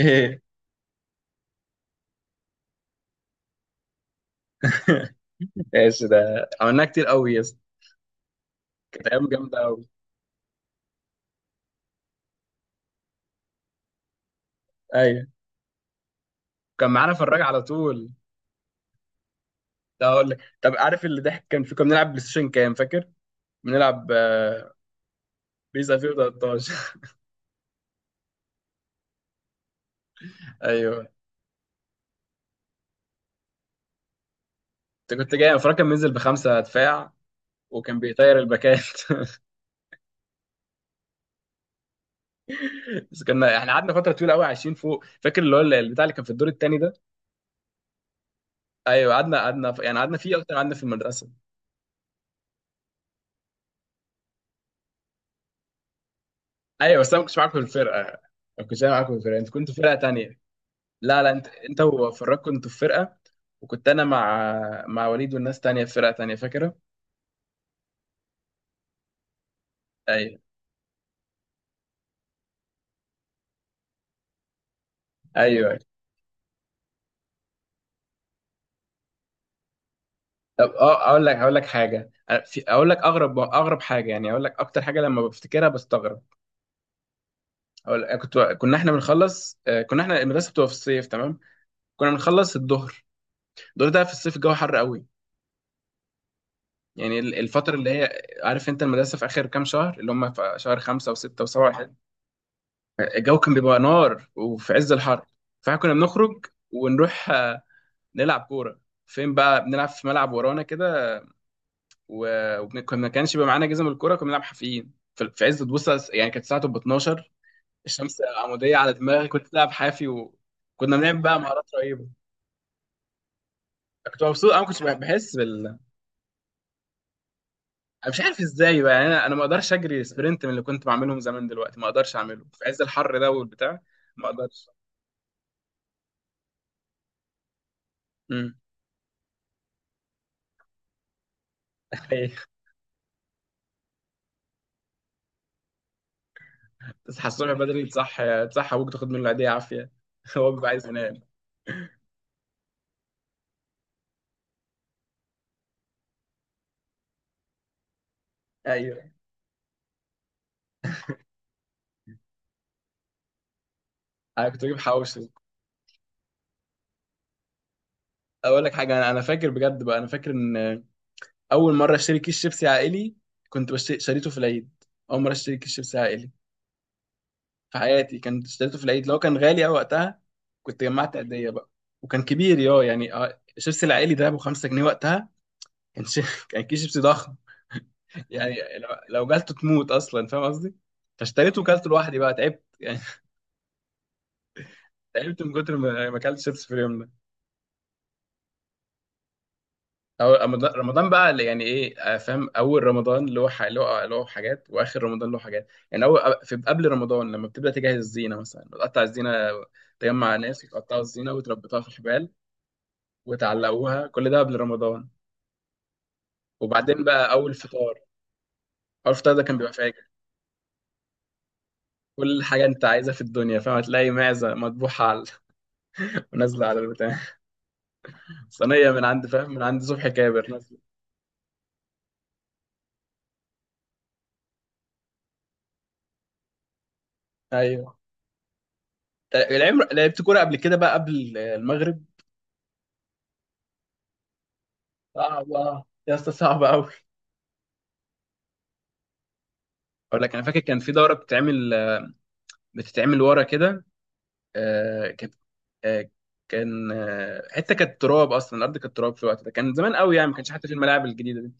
ايه. ماشي، ده عملناها كتير قوي يا اسطى. كانت ايام جامده قوي. ايوه. كان معانا فراج على طول. ده اقول لك، طب عارف اللي ضحك كان في، كنا بنلعب بلاي ستيشن كام فاكر؟ بنلعب، بيس 2013. ايوه. انت كنت جاي، فراج كان بينزل بخمسه دفاع، وكان بيطير الباكات. بس كنا احنا قعدنا فتره طويله قوي عايشين فوق، فاكر اللي هو البتاع اللي كان في الدور الثاني ده؟ ايوه، قعدنا قعدنا يعني، قعدنا فيه اكتر، قعدنا في المدرسه. ايوه. بس انا ما كنتش معاكم في الفرقه، ما كنتش أنا معاكم في الفرقه، انت كنت في فرقه. لا لا، انت وفراج كنتوا في فرقه، وكنت انا مع وليد والناس تانية في فرقه تانية، فاكره؟ ايوه ايوه ايوه. طب، اقول لك حاجه، في، اقول لك اغرب حاجه يعني. اقول لك اكتر حاجه لما بفتكرها بستغرب. اقول لك، كنا احنا بنخلص، كنا احنا المدرسه بتبقى في الصيف، تمام؟ كنا بنخلص الظهر، الظهر ده في الصيف الجو حر قوي. يعني الفتره اللي هي، عارف انت، المدرسه في اخر كام شهر، اللي هم في شهر خمسة وستة وسبعة وحاجة. الجو كان بيبقى نار وفي عز الحر، فاحنا كنا بنخرج ونروح، نلعب كوره. فين بقى بنلعب؟ في ملعب ورانا كده. وكنا ما كانش بيبقى معانا جزم الكوره، كنا بنلعب حافيين في عز، تبص يعني، كانت الساعه تبقى 12، الشمس عموديه على دماغي، كنت بلعب حافي وكنا بنعمل بقى مهارات رهيبه. كنت مبسوط، انا ما كنتش بحس بال. انا مش عارف ازاي بقى يعني، انا ما اقدرش اجري سبرنت من اللي كنت بعملهم زمان، دلوقتي ما اقدرش اعمله في عز الحر ده والبتاع. ما اقدرش. امم. تصحى الصبح بدري، تصحى ابوك، تاخد منه العيديه عافيه. هو بيبقى عايز ينام. ايوه، انا كنت بجيب حواوشي. اقول لك حاجه، انا فاكر بجد بقى، انا فاكر ان اول مره اشتري كيس شيبسي عائلي، شريته في العيد. اول مره اشتري كيس شيبسي عائلي في حياتي كنت اشتريته في العيد، لو كان غالي قوي وقتها. كنت جمعت قديه بقى. وكان كبير يا يعني، الشيبسي العائلي ده ابو 5 جنيه وقتها. كان شي... كان كيس شيبسي ضخم يعني. لو جالته تموت اصلا، فاهم قصدي؟ فاشتريته وكلته لوحدي بقى، تعبت يعني. تعبت من كتر ما اكلت شيبسي في اليوم ده. أول رمضان، رمضان بقى اللي يعني إيه، فاهم، أول رمضان له له حاجات، وآخر رمضان له حاجات. يعني أول، في قبل رمضان لما بتبدأ تجهز الزينة مثلا، بتقطع الزينة، تجمع ناس يقطعوا الزينة وتربطوها في حبال وتعلقوها، كل ده قبل رمضان. وبعدين بقى أول فطار، أول فطار ده كان بيبقى فاجر، كل حاجة أنت عايزها في الدنيا فاهم هتلاقي معزة مطبوحة على، ونازلة على البتاع، صينية من عند، فاهم، من عند صبحي كابر نازلة. أيوه. لعبت كورة قبل كده بقى، قبل المغرب. صعبة يا اسطى، صعبة أوي. اقول لك انا فاكر كان في دوره بتتعمل، بتتعمل ورا كده، آه، كانت آه، كان آه، حته كانت تراب اصلا، الارض كانت تراب في الوقت ده، كان زمان قوي يعني، ما كانش حتى في الملاعب الجديده دي.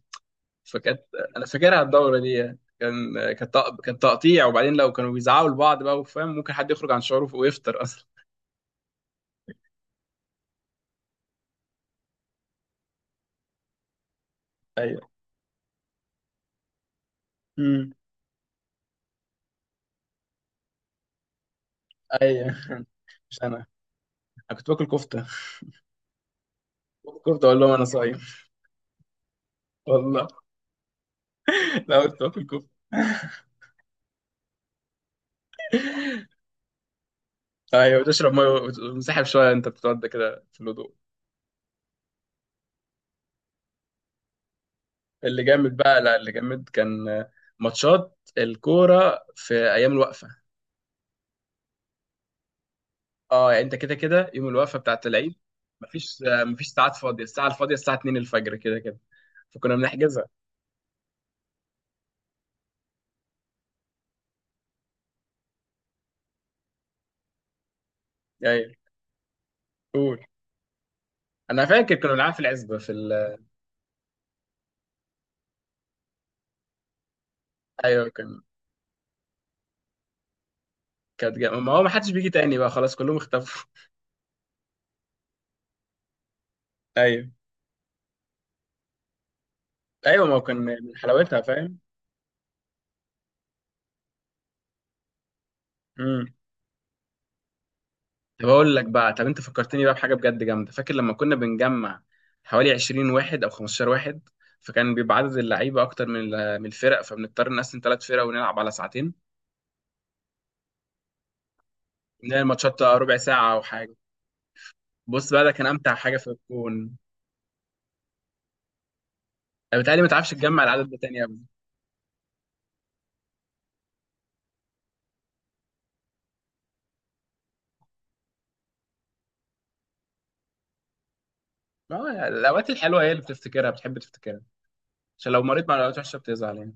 فكانت، انا فاكرها الدوره دي يعني. كان آه، كانت تق- كان تقطيع، وبعدين لو كانوا بيزعقوا لبعض بقى، وفاهم، ممكن حد يخرج عن شعوره ويفطر اصلا. ايوه. امم. ايوه. مش انا، انا كنت باكل كفته، كفته، اقول لهم انا صايم. والله. لا، كنت باكل كفته. ايوه، وتشرب ميه وتنسحب شويه، انت بتقعد كده في الهدوء. اللي جامد بقى، لا، اللي جامد كان ماتشات الكوره في ايام الوقفه. اه، يعني انت كده كده يوم الوقفه بتاعت العيد، مفيش ساعات فاضيه، الساعه الفاضيه الساعه 2 الفجر كده كده، فكنا بنحجزها يعني. قول، انا فاكر كنا بنلعب في العزبه ايوه، كان. ما هو ما حدش بيجي تاني بقى خلاص، كلهم اختفوا. ايوه ايوه. ما هو كان من حلاوتها فاهم. طب اقول لك بقى، طب انت فكرتني بقى بحاجه بجد جامده، فاكر لما كنا بنجمع حوالي 20 واحد او 15 واحد؟ فكان بيبقى عدد اللعيبه اكتر من من الفرق، فبنضطر نقسم ثلاث فرق ونلعب على ساعتين. بنعمل ماتشات ربع ساعه او حاجه. بص بقى، ده كان امتع حاجه في الكون. انا بتهيألي ما تعرفش تجمع العدد ده تاني ابدا. ما هو يعني الاوقات الحلوه هي اللي بتفتكرها، بتحب تفتكرها، عشان لو مريت مع الاوقات وحشه بتزعل يعني.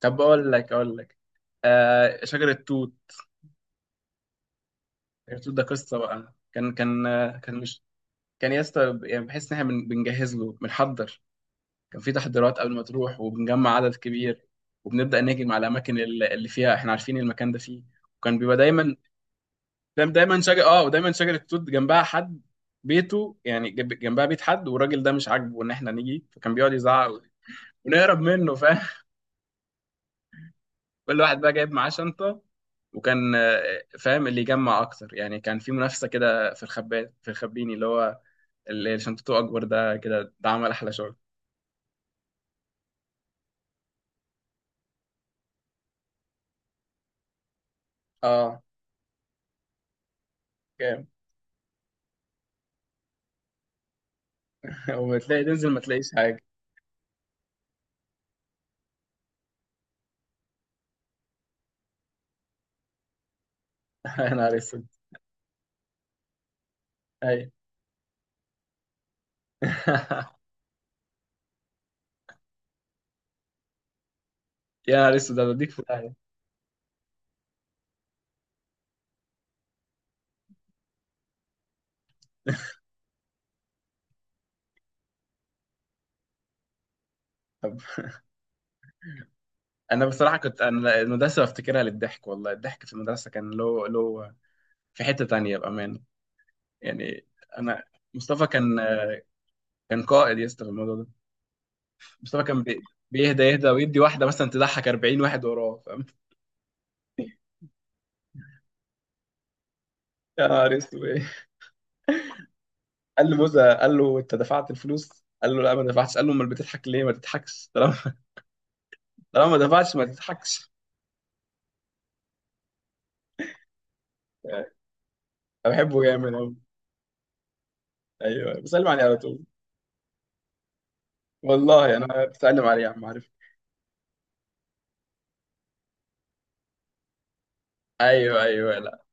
طب اقول لك، شجر التوت، شجر التوت ده قصه بقى. كان كان يا اسطى يعني، بحس ان احنا بنجهز له، بنحضر، كان في تحضيرات قبل ما تروح، وبنجمع عدد كبير وبنبدا نهجم على الاماكن اللي فيها، احنا عارفين المكان ده فيه. وكان بيبقى دايما، دايما شجر، ودايما شجره توت جنبها حد، بيته يعني جنبها بيت حد، والراجل ده مش عاجبه ان احنا نيجي فكان بيقعد يزعق، ونهرب منه، فاهم. كل واحد بقى جايب معاه شنطه، وكان، فاهم، اللي يجمع اكتر، يعني كان في منافسه كده في الخبات، في الخبيني، اللي هو اللي شنطته اكبر ده كده، ده عمل احلى شغل. اه كام. وبتلاقي تنزل ما تلاقيش حاجة. يا نهار اسود. أيوة. يا نهار اسود، أنا بديك في داهية. طب، أنا بصراحة كنت، أنا المدرسة بفتكرها للضحك والله، الضحك في المدرسة كان له في حتة تانية بأمانة. يعني أنا، مصطفى كان، كان قائد يا اسطى في الموضوع ده. مصطفى كان بيهدى، يهدى ويدي واحدة مثلا تضحك 40 واحد وراه، فاهم. يا نهار اسود، إيه؟ قال له موزة، قال له أنت دفعت الفلوس؟ قال له لا، ما دفعتش، قال له امال بتضحك ليه؟ ما تضحكش، طالما ما دفعتش ما تضحكش. أنا بحبه جامد أوي. أيوه بسلم عليه على طول. والله أنا بسلم عليه، يا عم، عارف. أيوه أيوه. لا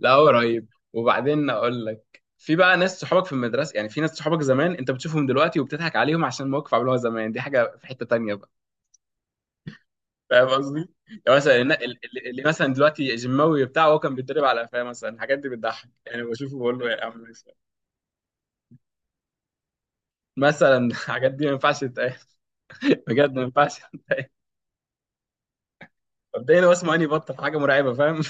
لا، هو رهيب. وبعدين أقول لك، في بقى ناس صحابك في المدرسة، يعني في ناس صحابك زمان أنت بتشوفهم دلوقتي وبتضحك عليهم عشان موقف عملوها زمان، دي حاجة في حتة تانية بقى، فاهم قصدي؟ يعني مثلا اللي مثلا دلوقتي جيماوي بتاعه، هو كان بيتدرب على قفاه مثلا، الحاجات دي بتضحك، يعني بشوفه بقول له يا عم ماشي. مثلا الحاجات دي ما ينفعش تتقال، بجد ما ينفعش تتقال. مبدئيا هو اسمه اني بطل حاجة مرعبة، فاهم؟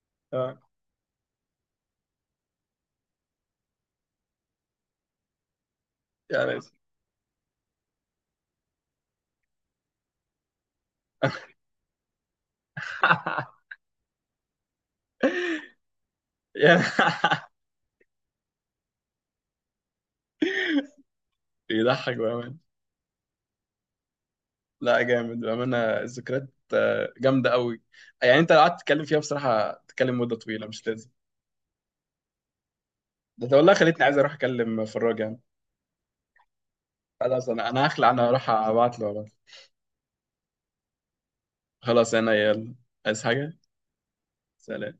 اه يا ناس. يعني. بيضحك بأمان. لا جامد بأمانة، الذكريات جامدة قوي. يعني انت لو قعدت تتكلم فيها بصراحة تتكلم مدة طويلة، مش لازم. ده انت والله خليتني عايز اروح اكلم فراج يعني. خلاص انا هخلع، انا هروح ابعت له والله. خلاص، انا يلا، عايز حاجة، سلام.